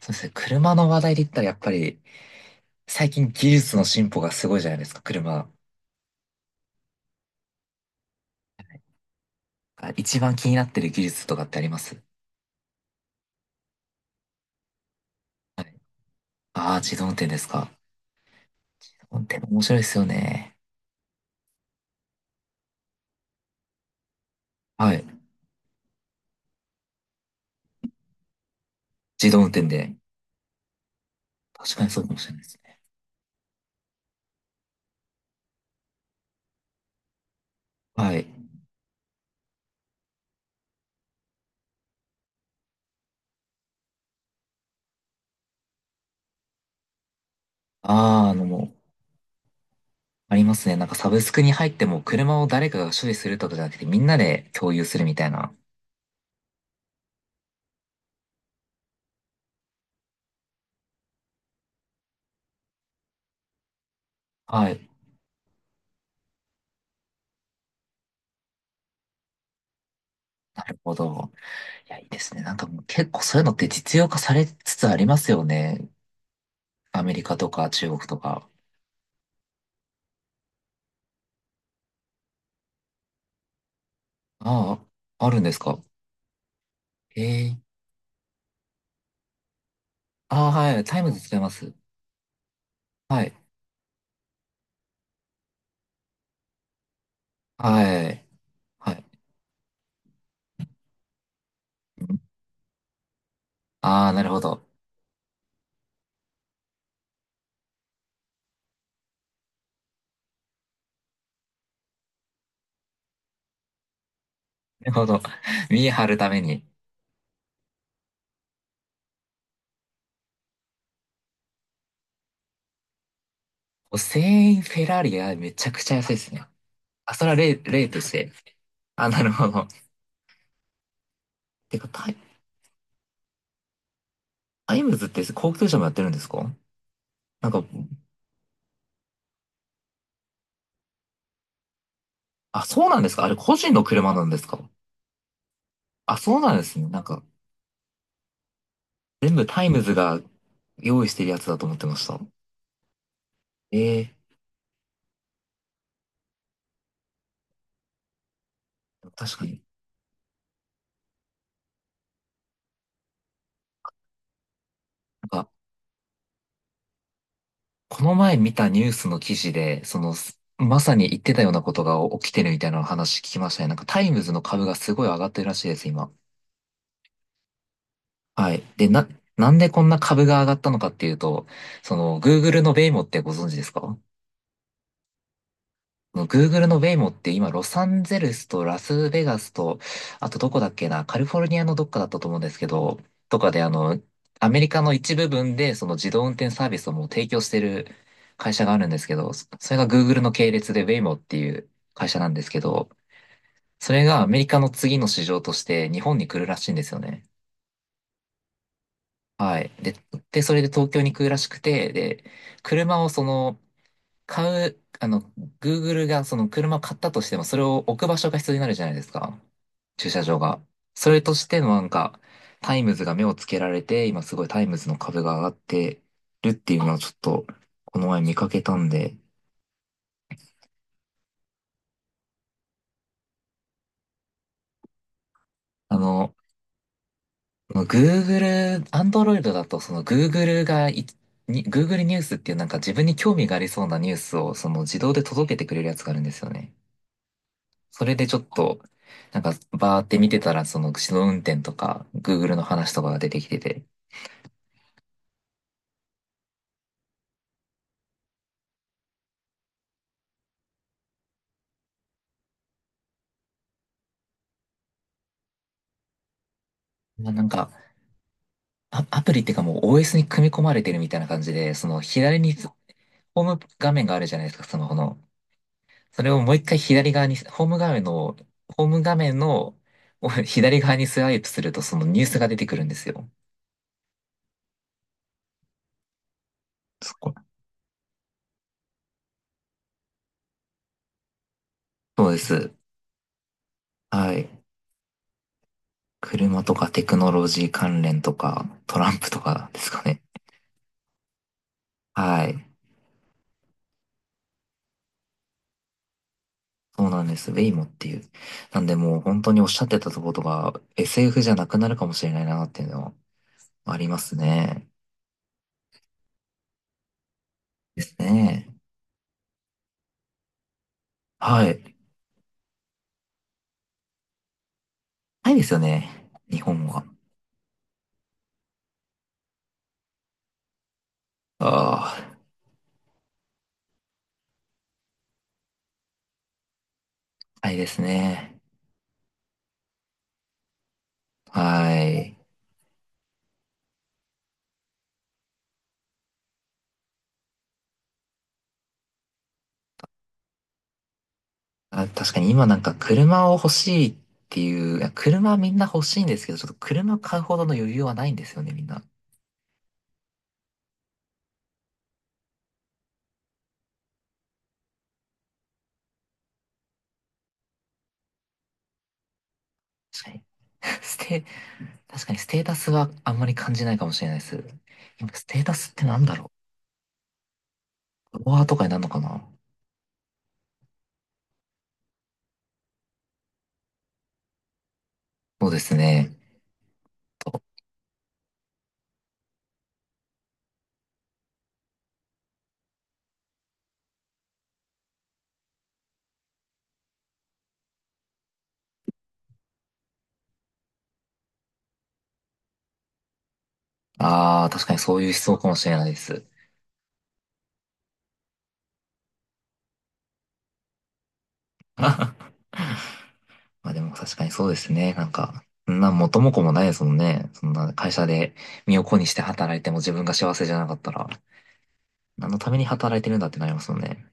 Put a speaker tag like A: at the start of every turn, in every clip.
A: そうですね。車の話題で言ったらやっぱり最近技術の進歩がすごいじゃないですか、車。一番気になってる技術とかってあります？ああー、自動運転ですか。自動運転面白いですよね。はい。自動運転で。確かにそうかもしれないですね。はい。ああ、あのもう、ありますね。なんかサブスクに入っても車を誰かが所有するとかじゃなくてみんなで共有するみたいな。はい。なるほど。いや、いいですね。なんかもう結構そういうのって実用化されつつありますよね。アメリカとか中国とか。ああ、あるんですか？ええ、ああ、はい。タイムズ使います。はい。はい。はい。ああ、なるほど。なるほど。見え張るために。1000円、フェラーリがめちゃくちゃ安いですね。あ、それは例、例として。あ、なるほど。てか、タイ、タイムズって高級車もやってるんですか？なんか、あ、そうなんですか？あれ個人の車なんですか？あ、そうなんですね。なんか、全部タイムズが用意してるやつだと思ってました。ええ、確かに。この前見たニュースの記事で、その、まさに言ってたようなことが起きてるみたいな話聞きましたね。なんかタイムズの株がすごい上がってるらしいです、今。はい。で、なんでこんな株が上がったのかっていうと、その、Google のベイモってご存知ですか？の Google の Waymo って今、ロサンゼルスとラスベガスと、あとどこだっけな、カリフォルニアのどっかだったと思うんですけど、とかであの、アメリカの一部分でその自動運転サービスをもう提供してる会社があるんですけど、それが Google の系列で Waymo っていう会社なんですけど、それがアメリカの次の市場として日本に来るらしいんですよね。はい。で、で、それで東京に来るらしくて、で、車をその、買う、あの、Google がその車を買ったとしても、それを置く場所が必要になるじゃないですか。駐車場が。それとしてのなんか、タイムズが目をつけられて、今すごいタイムズの株が上がってるっていうのをちょっと、この前見かけたんで、あの、Google、Android だと、その Google がい、に Google ニュースっていうなんか自分に興味がありそうなニュースをその自動で届けてくれるやつがあるんですよね。それでちょっと、なんか、バーって見てたら、その、自動運転とか、Google の話とかが出てきてて、まあなんか、アプリっていうかもう OS に組み込まれてるみたいな感じで、その、左に、ホーム画面があるじゃないですか、スマホの。それをもう一回左側に、ホーム画面の、左側にスワイプすると、そのニュースが出てくるんですよ。そこ、そうです。はい。車とかテクノロジー関連とか、トランプとかですかね。はい。そうなんです。ウェイモっていう。なんでもう本当におっしゃってたところが SF じゃなくなるかもしれないなっていうのはありますね。ですね。はい。ないですよね、日本は。ああ、タいですね。はい。あ、確かに今なんか車を欲しいっていう、いや車みんな欲しいんですけど、ちょっと車買うほどの余裕はないんですよね、みんな。確かに。ステ、確かにステータスはあんまり感じないかもしれないです。今ステータスってなんだろう、フォロワーとかになるのかな？そうですね。ああ、確かにそういう思想かもしれないです。まあでも確かにそうですね。なんか、そんな元も子もないですもんね。そんな会社で身を粉にして働いても自分が幸せじゃなかったら、何のために働いてるんだってなりますもんね。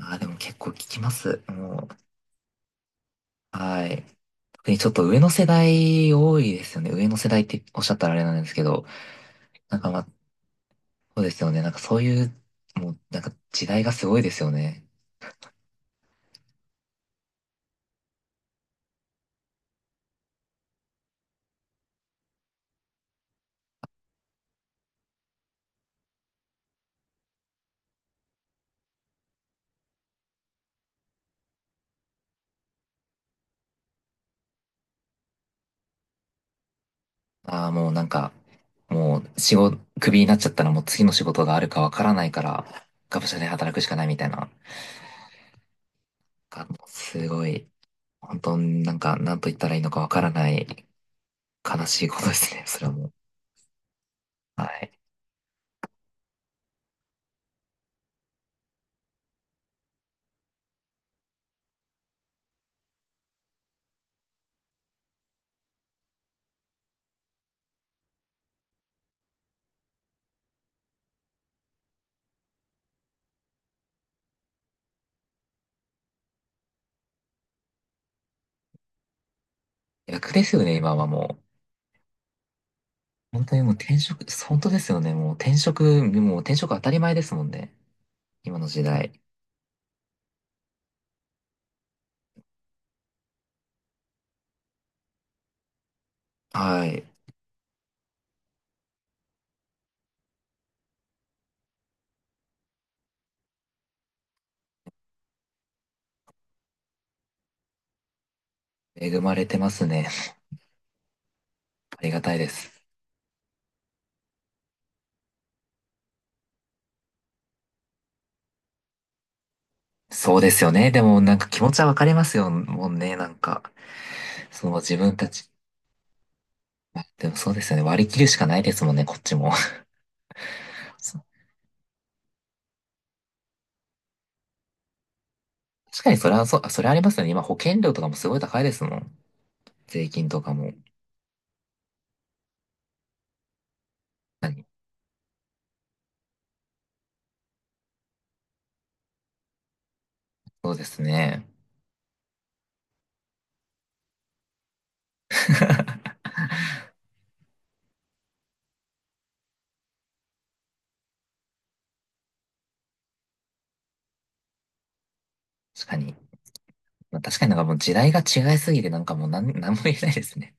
A: ああ、でも結構聞きます。はい。特にちょっと上の世代多いですよね。上の世代っておっしゃったらあれなんですけど、なんかまあ、そうですよね。なんかそういう、もうなんか時代がすごいですよね。ああ、もうなんか、もう仕事、クビになっちゃったらもう次の仕事があるかわからないから、がむしゃらに働くしかないみたいな、もうすごい、本当になんか、なんと言ったらいいのかわからない悲しいことですね、それはもう。はい。逆ですよね、今はもう。本当にもう転職、本当ですよね、もう転職当たり前ですもんね。今の時代。はい。恵まれてますね。ありがたいです。そうですよね。でもなんか気持ちはわかりますよ、もうね、なんか。その自分たち。でもそうですよね。割り切るしかないですもんね、こっちも。そう、確かにそれはそう、あそれありますよね。今保険料とかもすごい高いですもん。税金とかも。確かに、そうですね。確かに。まあ、確かになんかもう時代が違いすぎてなんかもうなんも言えないですね。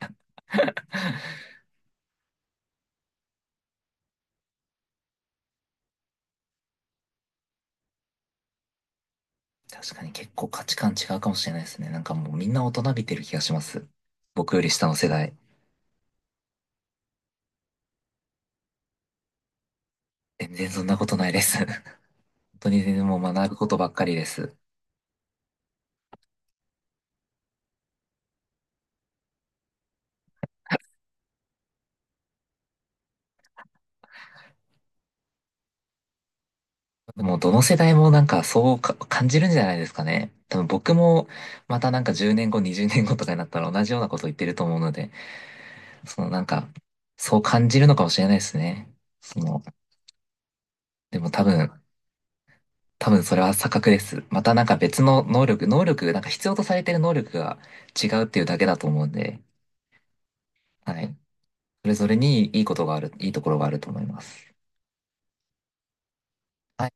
A: 確かに結構価値観違うかもしれないですね。なんかもうみんな大人びてる気がします。僕より下の世代。全然そんなことないです。本当に全然もう学ぶことばっかりです。もうどの世代もなんかそうか感じるんじゃないですかね。多分僕もまたなんか10年後、20年後とかになったら同じようなこと言ってると思うので、そのなんか、そう感じるのかもしれないですね。その、でも多分、それは錯覚です。またなんか別の能力、なんか必要とされてる能力が違うっていうだけだと思うんで、はい。それぞれにいいことがある、いいところがあると思います。はい